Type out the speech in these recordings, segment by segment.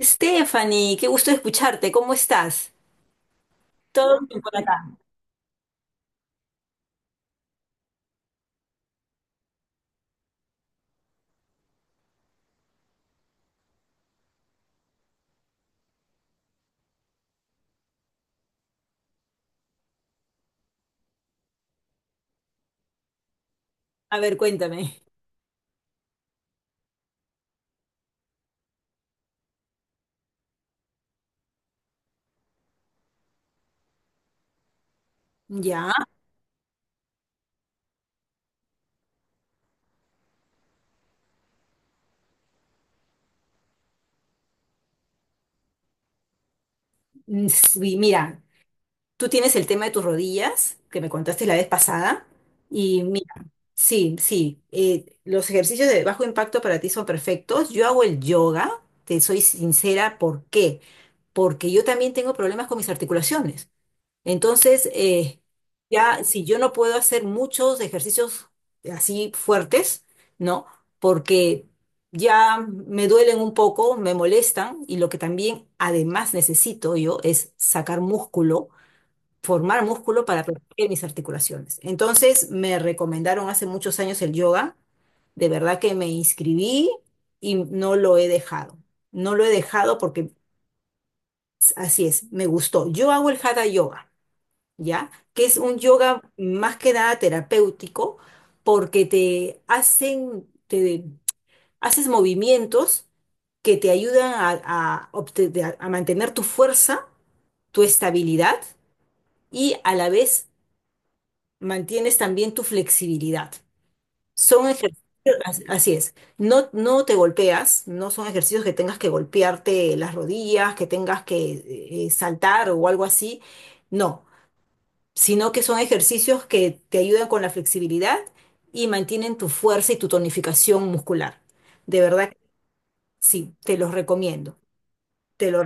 Stephanie, qué gusto escucharte. ¿Cómo estás? Todo bien por acá. A ver, cuéntame. Ya. Sí, mira, tú tienes el tema de tus rodillas, que me contaste la vez pasada. Y mira, sí, sí. Los ejercicios de bajo impacto para ti son perfectos. Yo hago el yoga, te soy sincera, ¿por qué? Porque yo también tengo problemas con mis articulaciones. Entonces, ya si yo no puedo hacer muchos ejercicios así fuertes, ¿no? Porque ya me duelen un poco, me molestan y lo que también además necesito yo es sacar músculo, formar músculo para proteger mis articulaciones. Entonces, me recomendaron hace muchos años el yoga. De verdad que me inscribí y no lo he dejado. No lo he dejado porque así es, me gustó. Yo hago el hatha yoga, ¿ya? Que es un yoga más que nada terapéutico porque te hacen, te haces movimientos que te ayudan a, a mantener tu fuerza, tu estabilidad y a la vez mantienes también tu flexibilidad. Son ejercicios, así es, no, no te golpeas, no son ejercicios que tengas que golpearte las rodillas, que tengas que saltar o algo así, no, sino que son ejercicios que te ayudan con la flexibilidad y mantienen tu fuerza y tu tonificación muscular. De verdad, que sí, te los recomiendo. Te lo,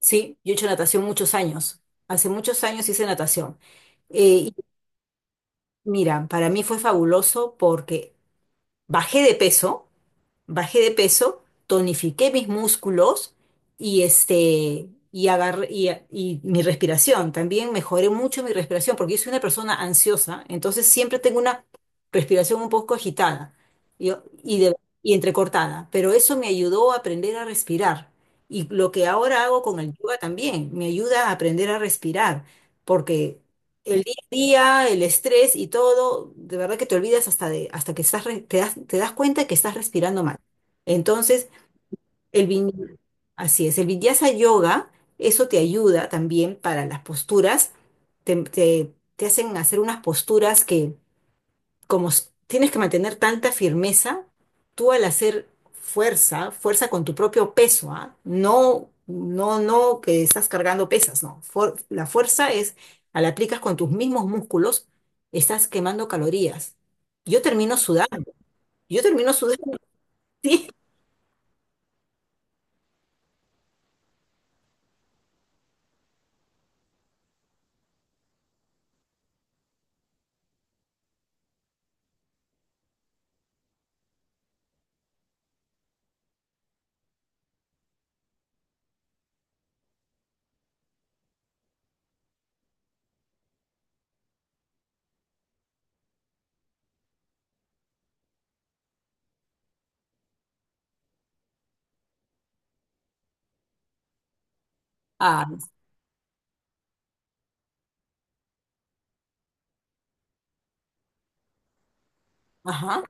sí, yo he hecho natación muchos años. Hace muchos años hice natación. Y mira, para mí fue fabuloso porque bajé de peso bajé de peso, tonifiqué mis músculos y y mi respiración. También mejoré mucho mi respiración porque yo soy una persona ansiosa, entonces siempre tengo una respiración un poco agitada y, y, de- y entrecortada, pero eso me ayudó a aprender a respirar. Y lo que ahora hago con el yoga también, me ayuda a aprender a respirar, porque el día a día, el estrés y todo, de verdad que te olvidas hasta de, hasta que estás, te das cuenta que estás respirando mal. Entonces, el vinyasa, así es, el vinyasa yoga, eso te ayuda también para las posturas, te hacen hacer unas posturas que tienes que mantener tanta firmeza, tú al hacer fuerza con tu propio peso, ¿ah? No, no, no que estás cargando pesas, no. La fuerza es, al aplicas con tus mismos músculos, estás quemando calorías. Yo termino sudando, yo termino sudando, sí. Ah, ajá.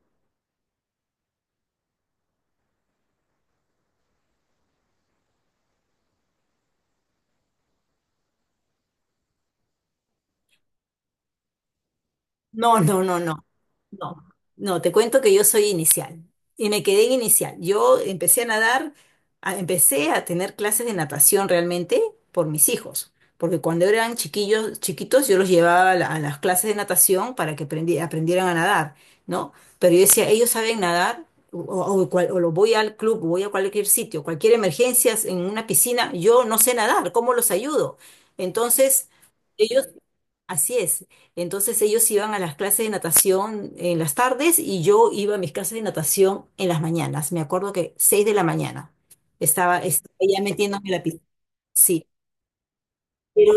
No, no, no, no, no, no, te cuento que yo soy inicial y me quedé en inicial. Yo empecé a nadar, empecé a tener clases de natación realmente por mis hijos, porque cuando eran chiquillos, chiquitos, yo los llevaba a, a las clases de natación para que aprendieran a nadar, ¿no? Pero yo decía, ellos saben nadar, o lo voy al club, voy a cualquier sitio, cualquier emergencia en una piscina, yo no sé nadar, ¿cómo los ayudo? Entonces... Ellos... Así es. Entonces ellos iban a las clases de natación en las tardes y yo iba a mis clases de natación en las mañanas. Me acuerdo que 6 de la mañana estaba, estaba ya metiéndome en la piscina. Sí, pero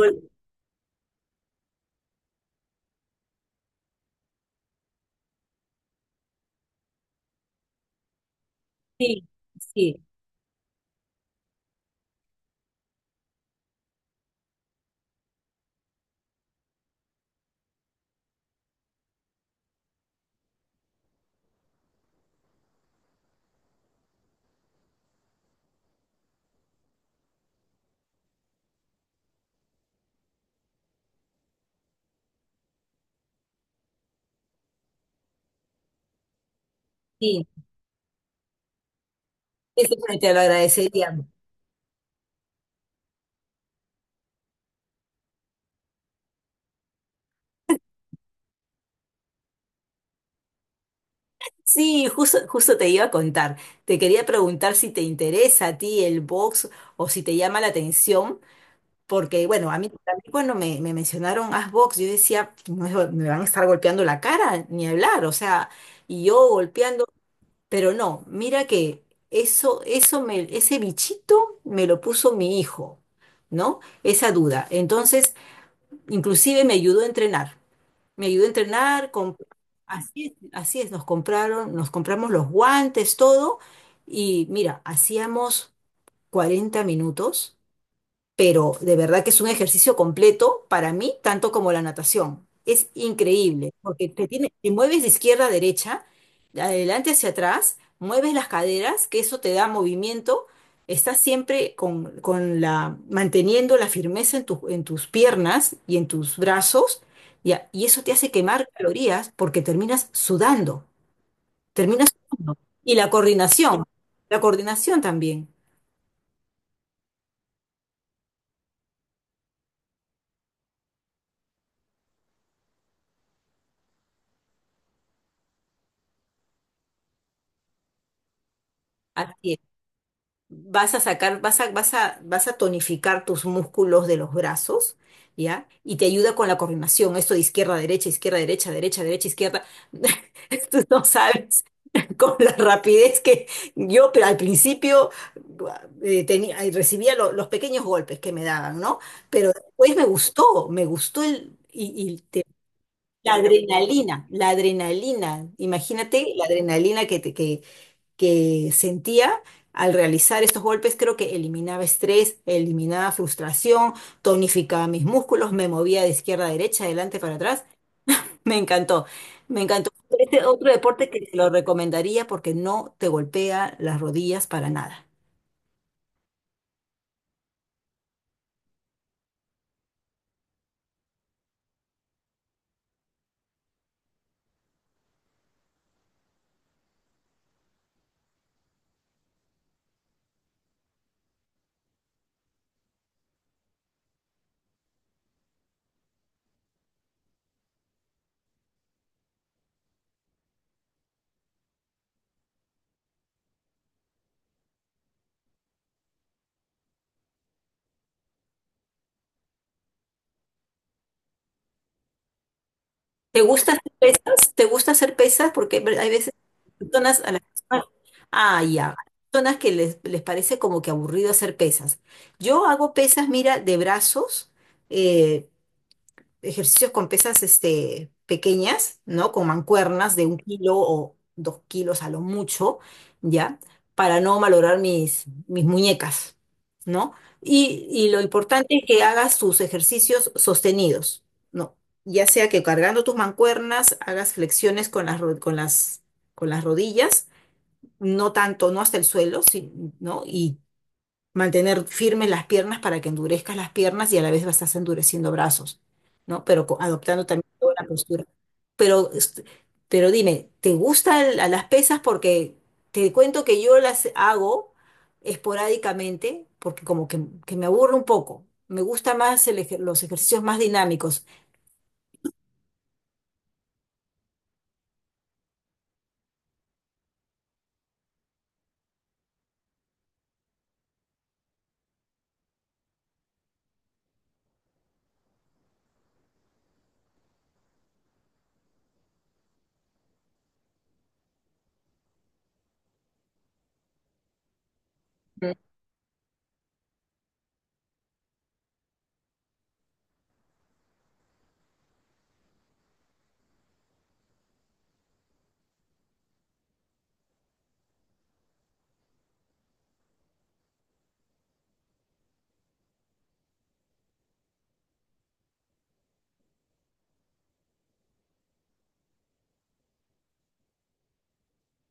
sí, sí, sí. Eso sí te lo agradecería. Sí, justo, justo te iba a contar. Te quería preguntar si te interesa a ti el box o si te llama la atención. Porque, bueno, a mí también cuando me mencionaron Asbox, yo decía: "No, eso, me van a estar golpeando la cara, ni hablar, o sea, y yo golpeando", pero no, mira que eso me, ese bichito me lo puso mi hijo, ¿no? Esa duda. Entonces, inclusive me ayudó a entrenar, me ayudó a entrenar, así es, nos compramos los guantes, todo, y mira, hacíamos 40 minutos, pero de verdad que es un ejercicio completo para mí, tanto como la natación. Es increíble, porque te tiene, te mueves de izquierda a derecha, de adelante hacia atrás, mueves las caderas, que eso te da movimiento, estás siempre con la, manteniendo la firmeza en, en tus piernas y en tus brazos, y, y eso te hace quemar calorías porque terminas sudando, terminas sudando. Y la coordinación también. Así es. Vas a sacar, vas a tonificar tus músculos de los brazos, ¿ya? Y te ayuda con la coordinación, esto de izquierda, derecha, derecha, derecha, izquierda. Tú no sabes con la rapidez que yo, pero al principio tenía, recibía los pequeños golpes que me daban, ¿no? Pero después me gustó el, y te- la adrenalina, imagínate la adrenalina que te, que sentía al realizar estos golpes, creo que eliminaba estrés, eliminaba frustración, tonificaba mis músculos, me movía de izquierda a derecha, adelante para atrás. Me encantó, me encantó. Este es otro deporte que te lo recomendaría porque no te golpea las rodillas para nada. ¿Te gusta hacer pesas? ¿Te gusta hacer pesas? Porque hay veces personas, a las personas, ah, ya, hay personas que les parece como que aburrido hacer pesas. Yo hago pesas, mira, de brazos, eh, ejercicios con pesas pequeñas, ¿no? Con mancuernas de 1 kilo o 2 kilos a lo mucho, ¿ya? Para no malograr mis, mis muñecas, ¿no? Y lo importante es que hagas tus ejercicios sostenidos, ¿no? Ya sea que cargando tus mancuernas hagas flexiones con las, con las rodillas, no tanto, no hasta el suelo, sí, ¿no? Y mantener firmes las piernas para que endurezcas las piernas y a la vez vas a estar endureciendo brazos, ¿no? Pero adoptando también toda la postura. Pero, pero dime, ¿te gustan las pesas? Porque te cuento que yo las hago esporádicamente porque como que me aburre un poco. Me gusta más los ejercicios más dinámicos.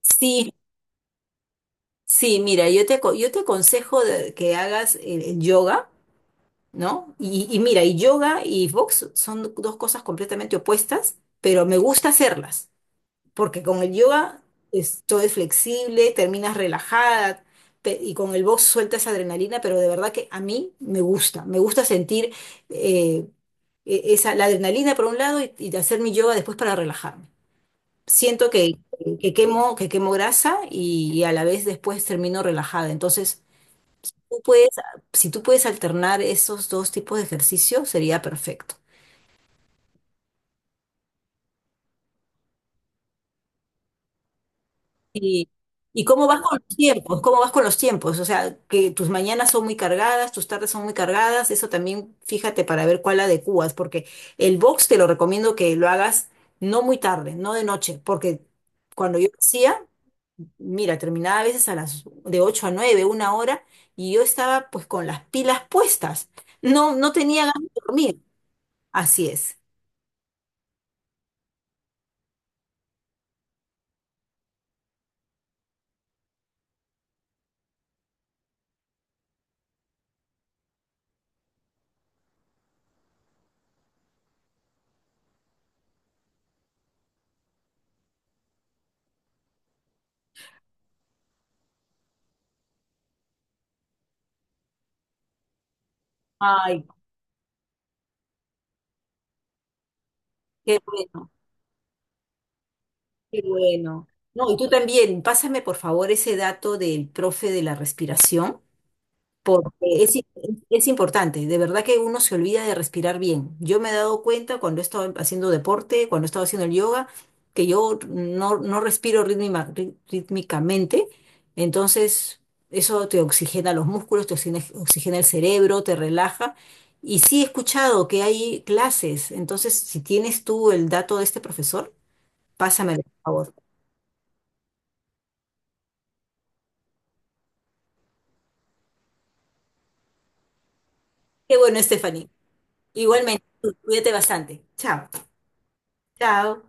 Sí, sí, mira, yo te, yo te aconsejo que hagas el yoga, ¿no? Y mira, y yoga y box son dos cosas completamente opuestas, pero me gusta hacerlas, porque con el yoga es, todo es flexible, terminas relajada, y con el box sueltas adrenalina, pero de verdad que a mí me gusta sentir eh, esa, la adrenalina por un lado y hacer mi yoga después para relajarme. Siento que quemo grasa y a la vez después termino relajada, entonces tú puedes, si tú puedes alternar esos dos tipos de ejercicio, sería perfecto. ¿Y, cómo vas con los tiempos? ¿Cómo vas con los tiempos? O sea, que tus mañanas son muy cargadas, tus tardes son muy cargadas, eso también fíjate para ver cuál adecuas, porque el box te lo recomiendo que lo hagas no muy tarde, no de noche, porque cuando yo lo hacía, mira, terminaba a veces a las de 8 a 9 1 hora, y yo estaba pues con las pilas puestas. No, no tenía ganas de dormir. Así es. Ay, qué bueno. Qué bueno. No, y tú también, pásame por favor ese dato del profe de la respiración, porque es, es importante. De verdad que uno se olvida de respirar bien. Yo me he dado cuenta cuando he estado haciendo deporte, cuando he estado haciendo el yoga, que yo no, no respiro rítmicamente. Entonces, eso te oxigena los músculos, te oxigena, oxigena el cerebro, te relaja. Y sí he escuchado que hay clases. Entonces, si tienes tú el dato de este profesor, pásamelo, por favor. Qué bueno, Stephanie. Igualmente, cuídate bastante. Chao. Chao.